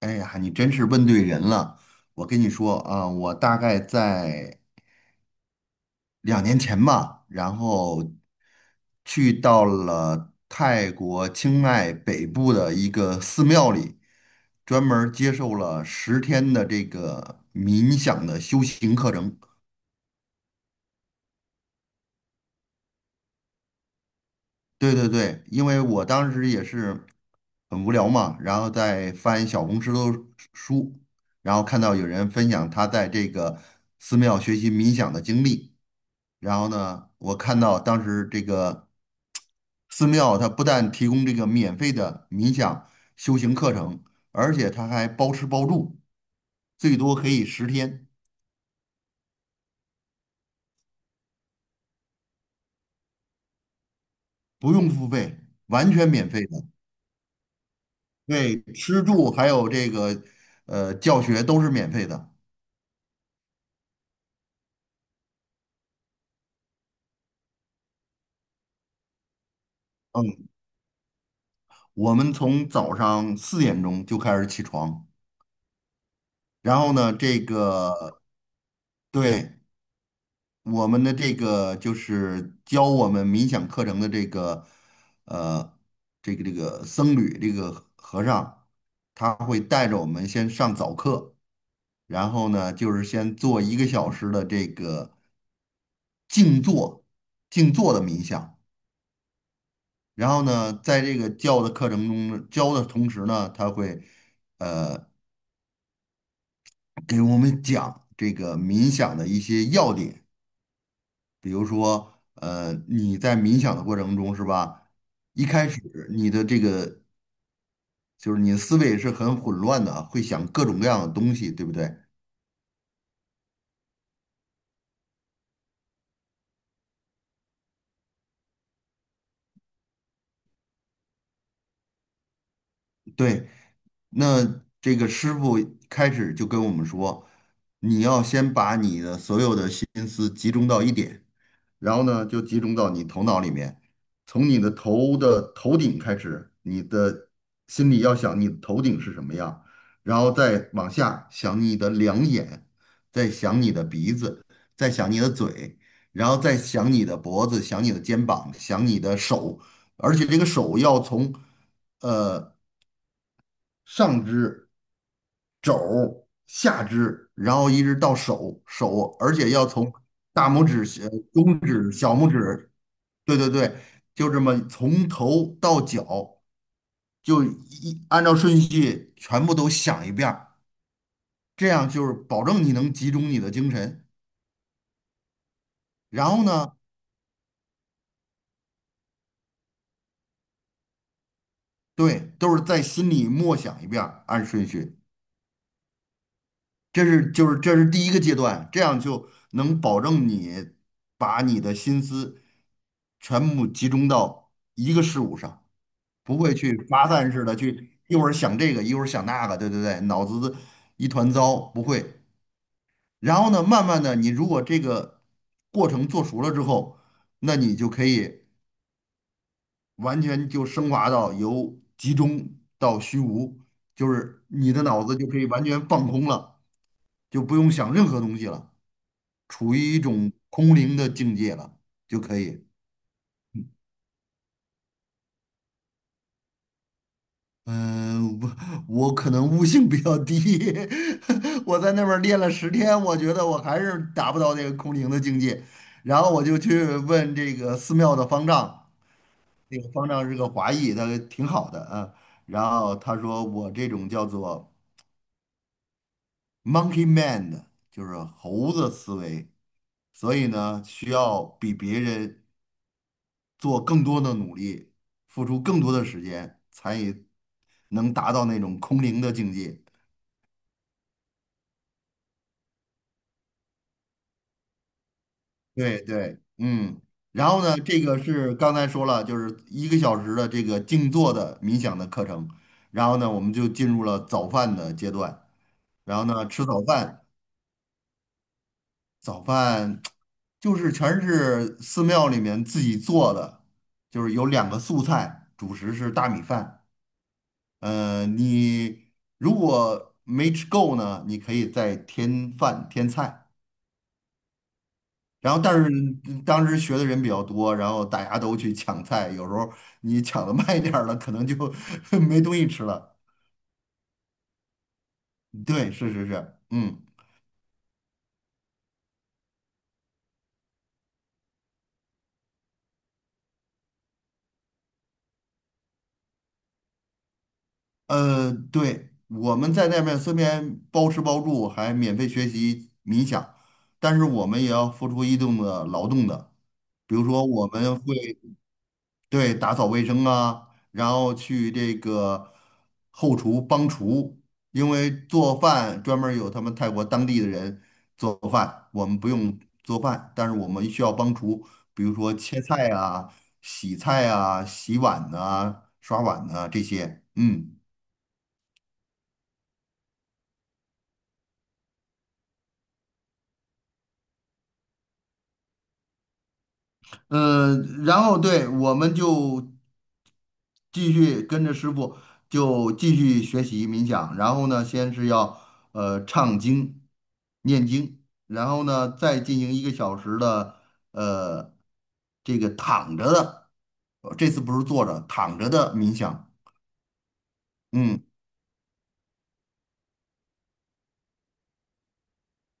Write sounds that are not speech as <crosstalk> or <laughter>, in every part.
哎呀，你真是问对人了。我跟你说啊，我大概在2年前吧，然后去到了泰国清迈北部的一个寺庙里，专门儿接受了十天的这个冥想的修行课程。对对对，因为我当时也是很无聊嘛，然后在翻小红书的书，然后看到有人分享他在这个寺庙学习冥想的经历。然后呢，我看到当时这个寺庙，它不但提供这个免费的冥想修行课程，而且它还包吃包住，最多可以十天，不用付费，完全免费的。对，吃住还有这个教学都是免费的。嗯，我们从早上4点钟就开始起床，然后呢，这个对我们的这个就是教我们冥想课程的这个呃这个僧侣这个和尚，他会带着我们先上早课，然后呢就是先做一个小时的这个静坐静坐的冥想，然后呢在这个教的课程中呢教的同时呢，他会给我们讲这个冥想的一些要点。比如说，你在冥想的过程中是吧？一开始你的你的思维是很混乱的，会想各种各样的东西，对不对？对，那这个师傅开始就跟我们说，你要先把你的所有的心思集中到一点，然后呢，就集中到你头脑里面，从你的头的头顶开始，你的心里要想你的头顶是什么样，然后再往下想你的两眼，再想你的鼻子，再想你的嘴，然后再想你的脖子，想你的肩膀，想你的手，而且这个手要从。呃，上肢、肘、下肢，然后一直到手手，而且要从大拇指、小中指、小拇指，对对对，就这么从头到脚，就一按照顺序全部都想一遍儿，这样就是保证你能集中你的精神。然后呢，对，都是在心里默想一遍儿按顺序。这是第一个阶段，这样就能保证你把你的心思全部集中到一个事物上，不会去发散式的去一会儿想这个，一会儿想那个，对对对，脑子一团糟，不会。然后呢，慢慢的，你如果这个过程做熟了之后，那你就可以完全就升华到由集中到虚无，就是你的脑子就可以完全放空了，就不用想任何东西了。处于一种空灵的境界了就可以。嗯，我可能悟性比较低，<laughs> 我在那边儿练了10天，我觉得我还是达不到那个空灵的境界。然后我就去问这个寺庙的方丈，那个方丈是个华裔，他挺好的啊。然后他说我这种叫做 monkey mind，就是猴子思维，所以呢需要比别人做更多的努力，付出更多的时间，才能达到那种空灵的境界。对对，嗯，然后呢，这个是刚才说了，就是一个小时的这个静坐的冥想的课程，然后呢，我们就进入了早饭的阶段，然后呢，吃早饭，早饭就是全是寺庙里面自己做的，就是有2个素菜，主食是大米饭。你如果没吃够呢，你可以再添饭添菜。然后，但是当时学的人比较多，然后大家都去抢菜，有时候你抢的慢一点儿了，可能就 <laughs> 没东西吃了。对，是是是，嗯，对，我们在那边虽然包吃包住，还免费学习冥想，但是我们也要付出一定的劳动的。比如说，我们会。对，打扫卫生啊，然后去这个后厨帮厨，因为做饭专门儿有他们泰国当地的人做饭，我们不用做饭，但是我们需要帮厨，比如说切菜啊、洗菜啊、洗碗呐、刷碗呐、这些，嗯。嗯，然后对，我们就继续跟着师傅就继续学习冥想，然后呢，先是要唱经、念经，然后呢再进行一个小时的呃这个躺着的，这次不是坐着，躺着的冥想，嗯。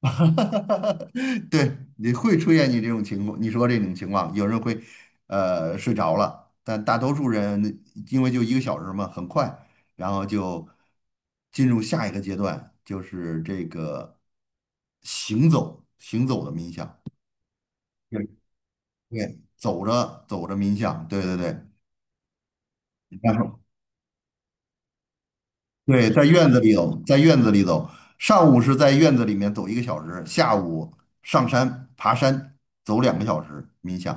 <laughs> 哈哈哈！对，你会出现你这种情况，你说这种情况，有人会睡着了，但大多数人因为就一个小时嘛，很快，然后就进入下一个阶段，就是这个行走的冥想，对，对，走着走着冥想，对对对，然后对，在院子里走，上午是在院子里面走一个小时，下午上山爬山走2个小时冥想，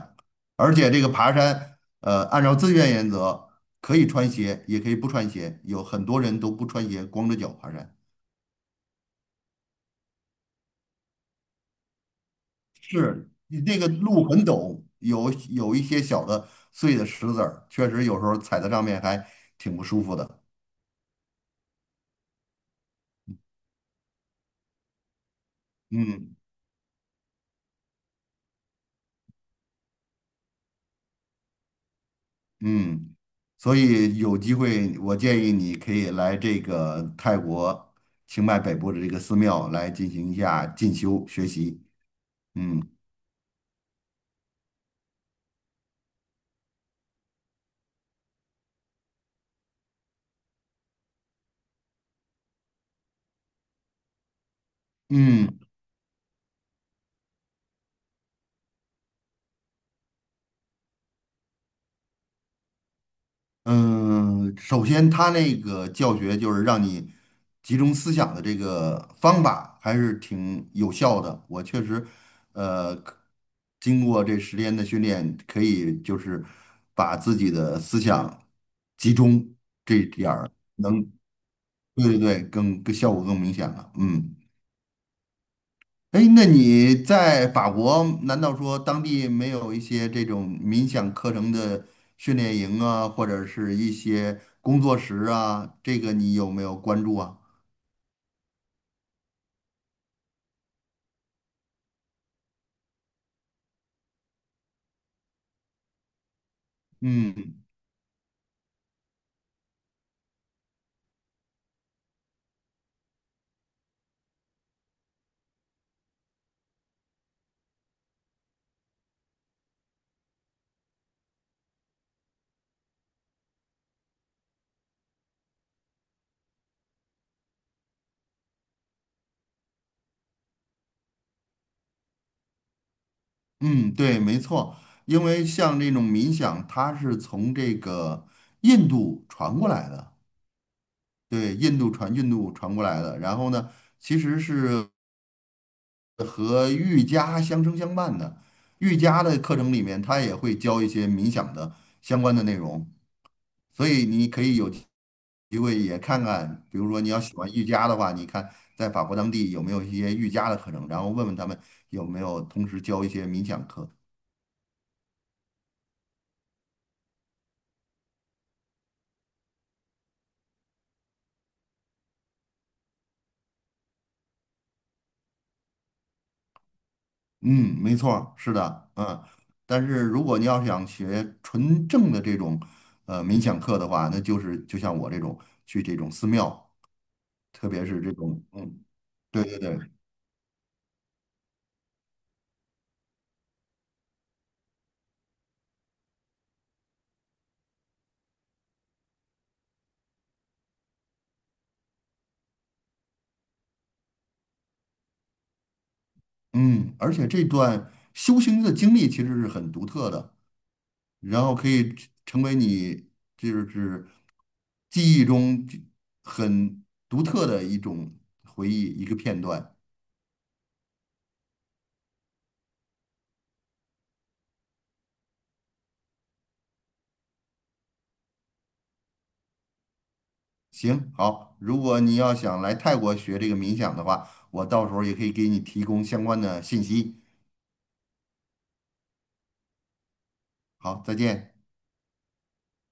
而且这个爬山，按照自愿原则，可以穿鞋，也可以不穿鞋，有很多人都不穿鞋，光着脚爬山。是，你那个路很陡，有一些小的碎的石子儿，确实有时候踩在上面还挺不舒服的。嗯。嗯，所以有机会，我建议你可以来这个泰国清迈北部的这个寺庙来进行一下进修学习。嗯嗯嗯，首先他那个教学就是让你集中思想的这个方法还是挺有效的。我确实，呃，可经过这十天的训练，可以就是把自己的思想集中这一点儿。对对对，效果更明显了。嗯，哎，那你在法国，难道说当地没有一些这种冥想课程的训练营啊，或者是一些工作室啊？这个你有没有关注啊？嗯嗯，对，没错，因为像这种冥想，它是从这个印度传过来的，对，印度传过来的。然后呢，其实是和瑜伽相生相伴的。瑜伽的课程里面，它也会教一些冥想的相关的内容，所以你可以有机会也看看，比如说你要喜欢瑜伽的话，你看在法国当地有没有一些瑜伽的课程，然后问问他们有没有同时教一些冥想课。嗯，没错儿，是的，嗯。但是如果你要想学纯正的这种冥想课的话，那就是就像我这种去这种寺庙，特别是这种嗯，对对对，嗯，而且这段修行的经历其实是很独特的，然后可以成为你就是记忆中就很独特的一种回忆，一个片段。行，好，如果你要想来泰国学这个冥想的话，我到时候也可以给你提供相关的信息。好，再见。